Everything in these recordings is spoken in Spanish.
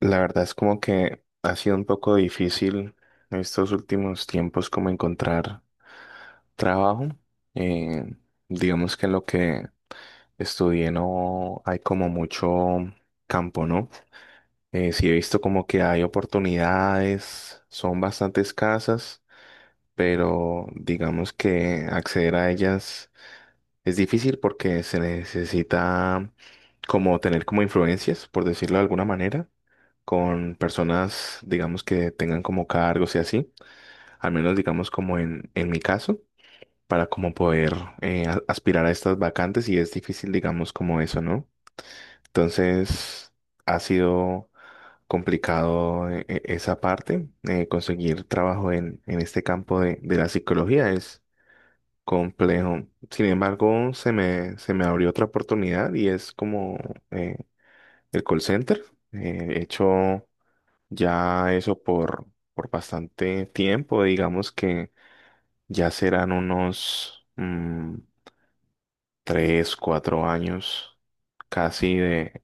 La verdad es como que ha sido un poco difícil en estos últimos tiempos como encontrar trabajo. Eh, digamos que lo que estudié no hay como mucho campo, ¿no? Sí he visto como que hay oportunidades, son bastante escasas, pero digamos que acceder a ellas es difícil porque se necesita como tener como influencias, por decirlo de alguna manera con personas, digamos, que tengan como cargos y así, al menos digamos como en mi caso, para como poder aspirar a estas vacantes y es difícil, digamos, como eso, ¿no? Entonces, ha sido complicado esa parte, conseguir trabajo en este campo de la psicología es complejo. Sin embargo, se me abrió otra oportunidad y es como eh, el call center. He hecho ya eso por bastante tiempo, digamos que ya serán unos tres, cuatro años, casi de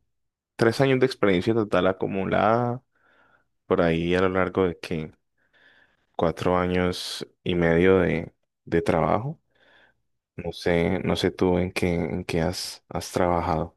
3 años de experiencia total acumulada, por ahí a lo largo de que 4 años y medio de trabajo. No sé tú en qué has trabajado.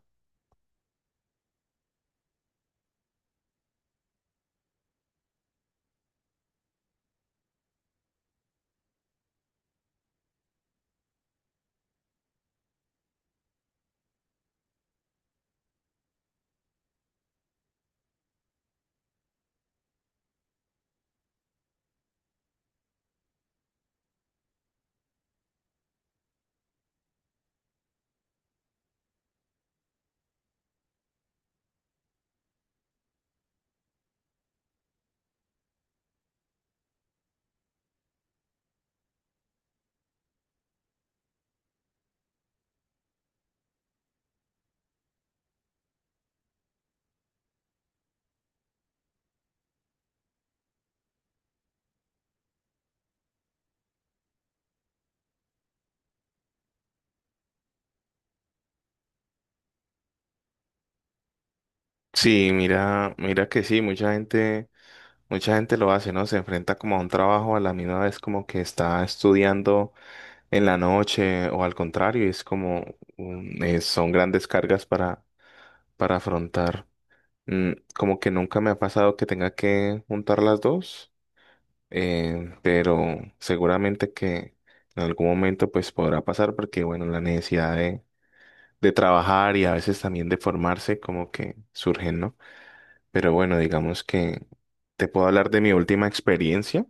Sí, mira que sí, mucha gente lo hace, ¿no? Se enfrenta como a un trabajo a la misma vez como que está estudiando en la noche o al contrario, es como son grandes cargas para afrontar. Como que nunca me ha pasado que tenga que juntar las dos, pero seguramente que en algún momento pues podrá pasar porque bueno, la necesidad de trabajar y a veces también de formarse como que surgen, ¿no? Pero bueno, digamos que te puedo hablar de mi última experiencia.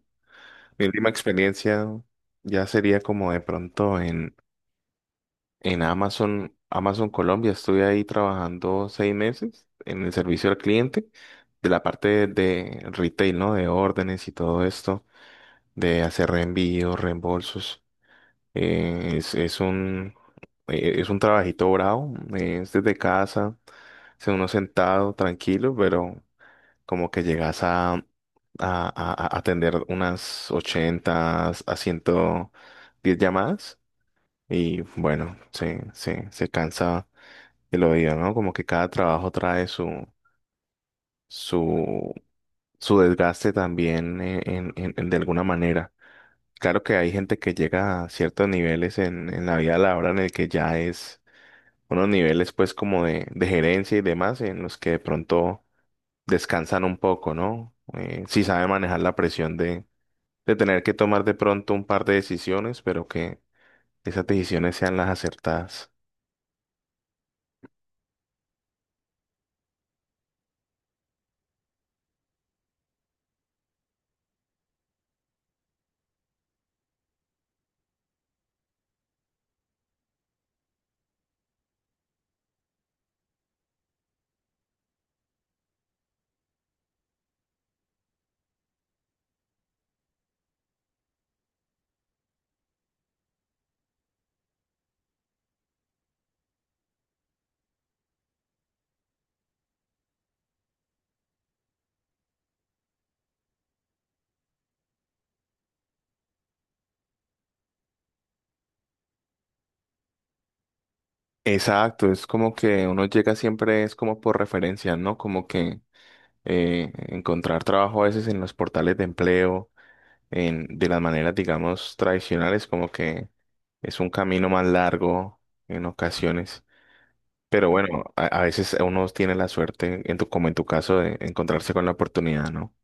Mi última experiencia ya sería como de pronto en Amazon Colombia, estuve ahí trabajando 6 meses en el servicio al cliente de la parte de retail, ¿no? De órdenes y todo esto, de hacer reenvíos, reembolsos. Eh, es, es un, es un trabajito bravo, es desde casa, es uno sentado, tranquilo, pero como que llegas a atender unas 80 a 110 llamadas y bueno, se cansa que lo digo, ¿no? Como que cada trabajo trae su, su desgaste también de alguna manera. Claro que hay gente que llega a ciertos niveles en la vida laboral en el que ya es unos niveles pues como de gerencia y demás en los que de pronto descansan un poco, ¿no? Sí sabe manejar la presión de tener que tomar de pronto un par de decisiones, pero que esas decisiones sean las acertadas. Exacto, es como que uno llega siempre, es como por referencia, ¿no? Como que encontrar trabajo a veces en los portales de empleo, de las maneras, digamos, tradicionales, como que es un camino más largo en ocasiones. Pero bueno, a veces uno tiene la suerte, como en tu caso, de encontrarse con la oportunidad, ¿no?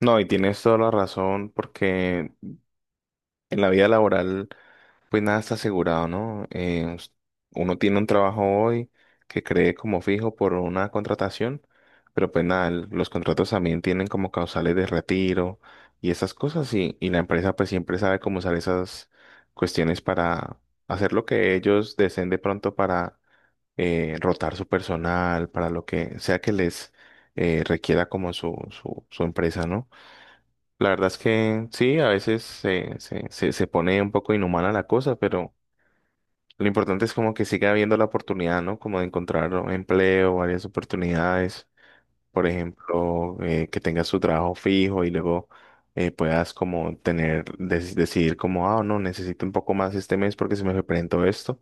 No, y tienes toda la razón, porque en la vida laboral pues nada está asegurado, ¿no? Uno tiene un trabajo hoy que cree como fijo por una contratación, pero pues nada, los contratos también tienen como causales de retiro y esas cosas y la empresa pues siempre sabe cómo usar esas cuestiones para hacer lo que ellos deseen de pronto para rotar su personal, para lo que sea que les requiera como su empresa, ¿no? La verdad es que sí, a veces se pone un poco inhumana la cosa, pero... Lo importante es como que siga habiendo la oportunidad, ¿no? Como de encontrar un empleo, varias oportunidades. Por ejemplo, que tengas su trabajo fijo y luego puedas como tener, decidir como, ah, no, necesito un poco más este mes porque se me presentó esto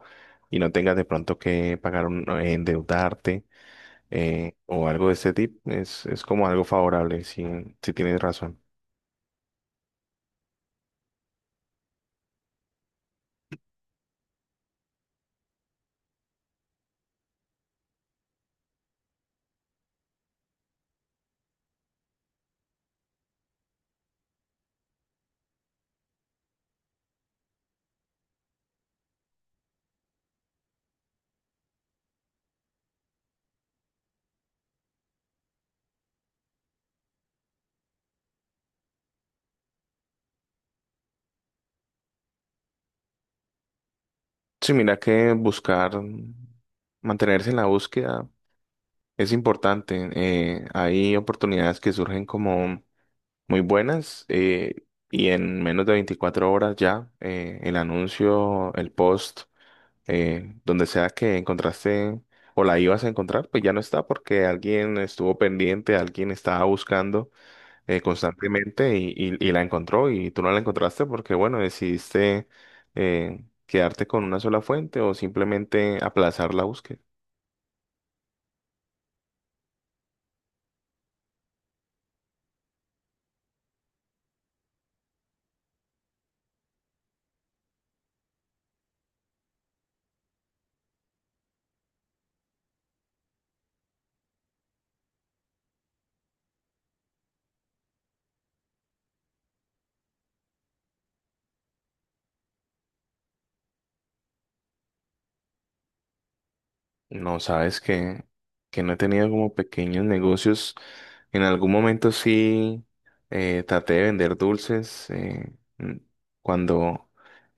y no tengas de pronto que pagar endeudarte, o algo de este tipo. Es como algo favorable, si, si tienes razón. Sí, mira que buscar, mantenerse en la búsqueda es importante. Hay oportunidades que surgen como muy buenas, y en menos de 24 horas ya el anuncio, el post, donde sea que encontraste o la ibas a encontrar, pues ya no está porque alguien estuvo pendiente, alguien estaba buscando constantemente y la encontró y tú no la encontraste porque bueno, decidiste quedarte con una sola fuente o simplemente aplazar la búsqueda. No, sabes que no he tenido como pequeños negocios. En algún momento sí traté de vender dulces cuando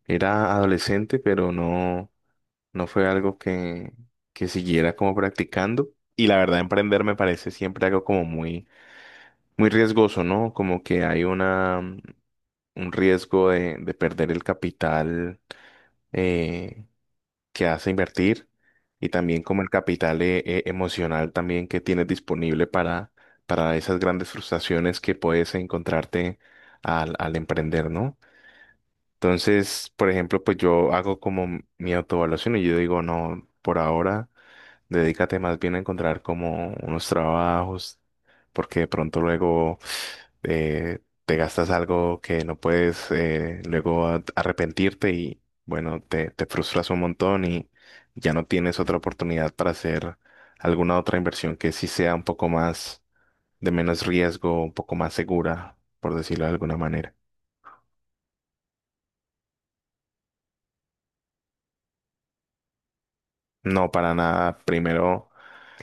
era adolescente, pero no fue algo que siguiera como practicando. Y la verdad, emprender me parece siempre algo como muy, muy riesgoso, ¿no? Como que hay un riesgo de perder el capital, eh, que hace invertir y también como el capital emocional también que tienes disponible para esas grandes frustraciones que puedes encontrarte al emprender, ¿no? Entonces, por ejemplo, pues yo hago como mi autoevaluación y yo digo, no, por ahora. Dedícate más bien a encontrar como unos trabajos, porque de pronto luego eh, te gastas algo que no puedes, luego arrepentirte y bueno, te frustras un montón y ya no tienes otra oportunidad para hacer alguna otra inversión que sí sea un poco más de menos riesgo, un poco más segura, por decirlo de alguna manera. No, para nada. Primero,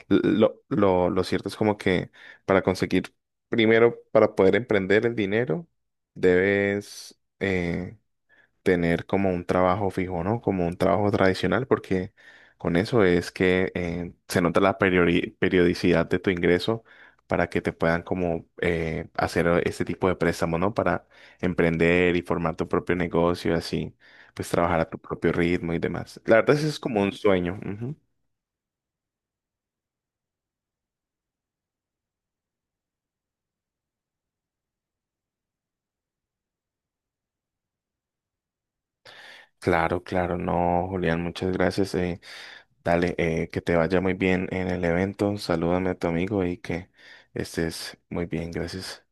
lo cierto es como que para conseguir, primero, para poder emprender el dinero, debes tener como un trabajo fijo, ¿no? Como un trabajo tradicional, porque con eso es que se nota la periodicidad de tu ingreso para que te puedan como hacer este tipo de préstamo, ¿no? Para emprender y formar tu propio negocio, así, pues trabajar a tu propio ritmo y demás. La verdad, ese es como un sueño. Claro, claro, no, Julián, muchas gracias. Dale, que te vaya muy bien en el evento. Salúdame a tu amigo y que estés muy bien. Gracias.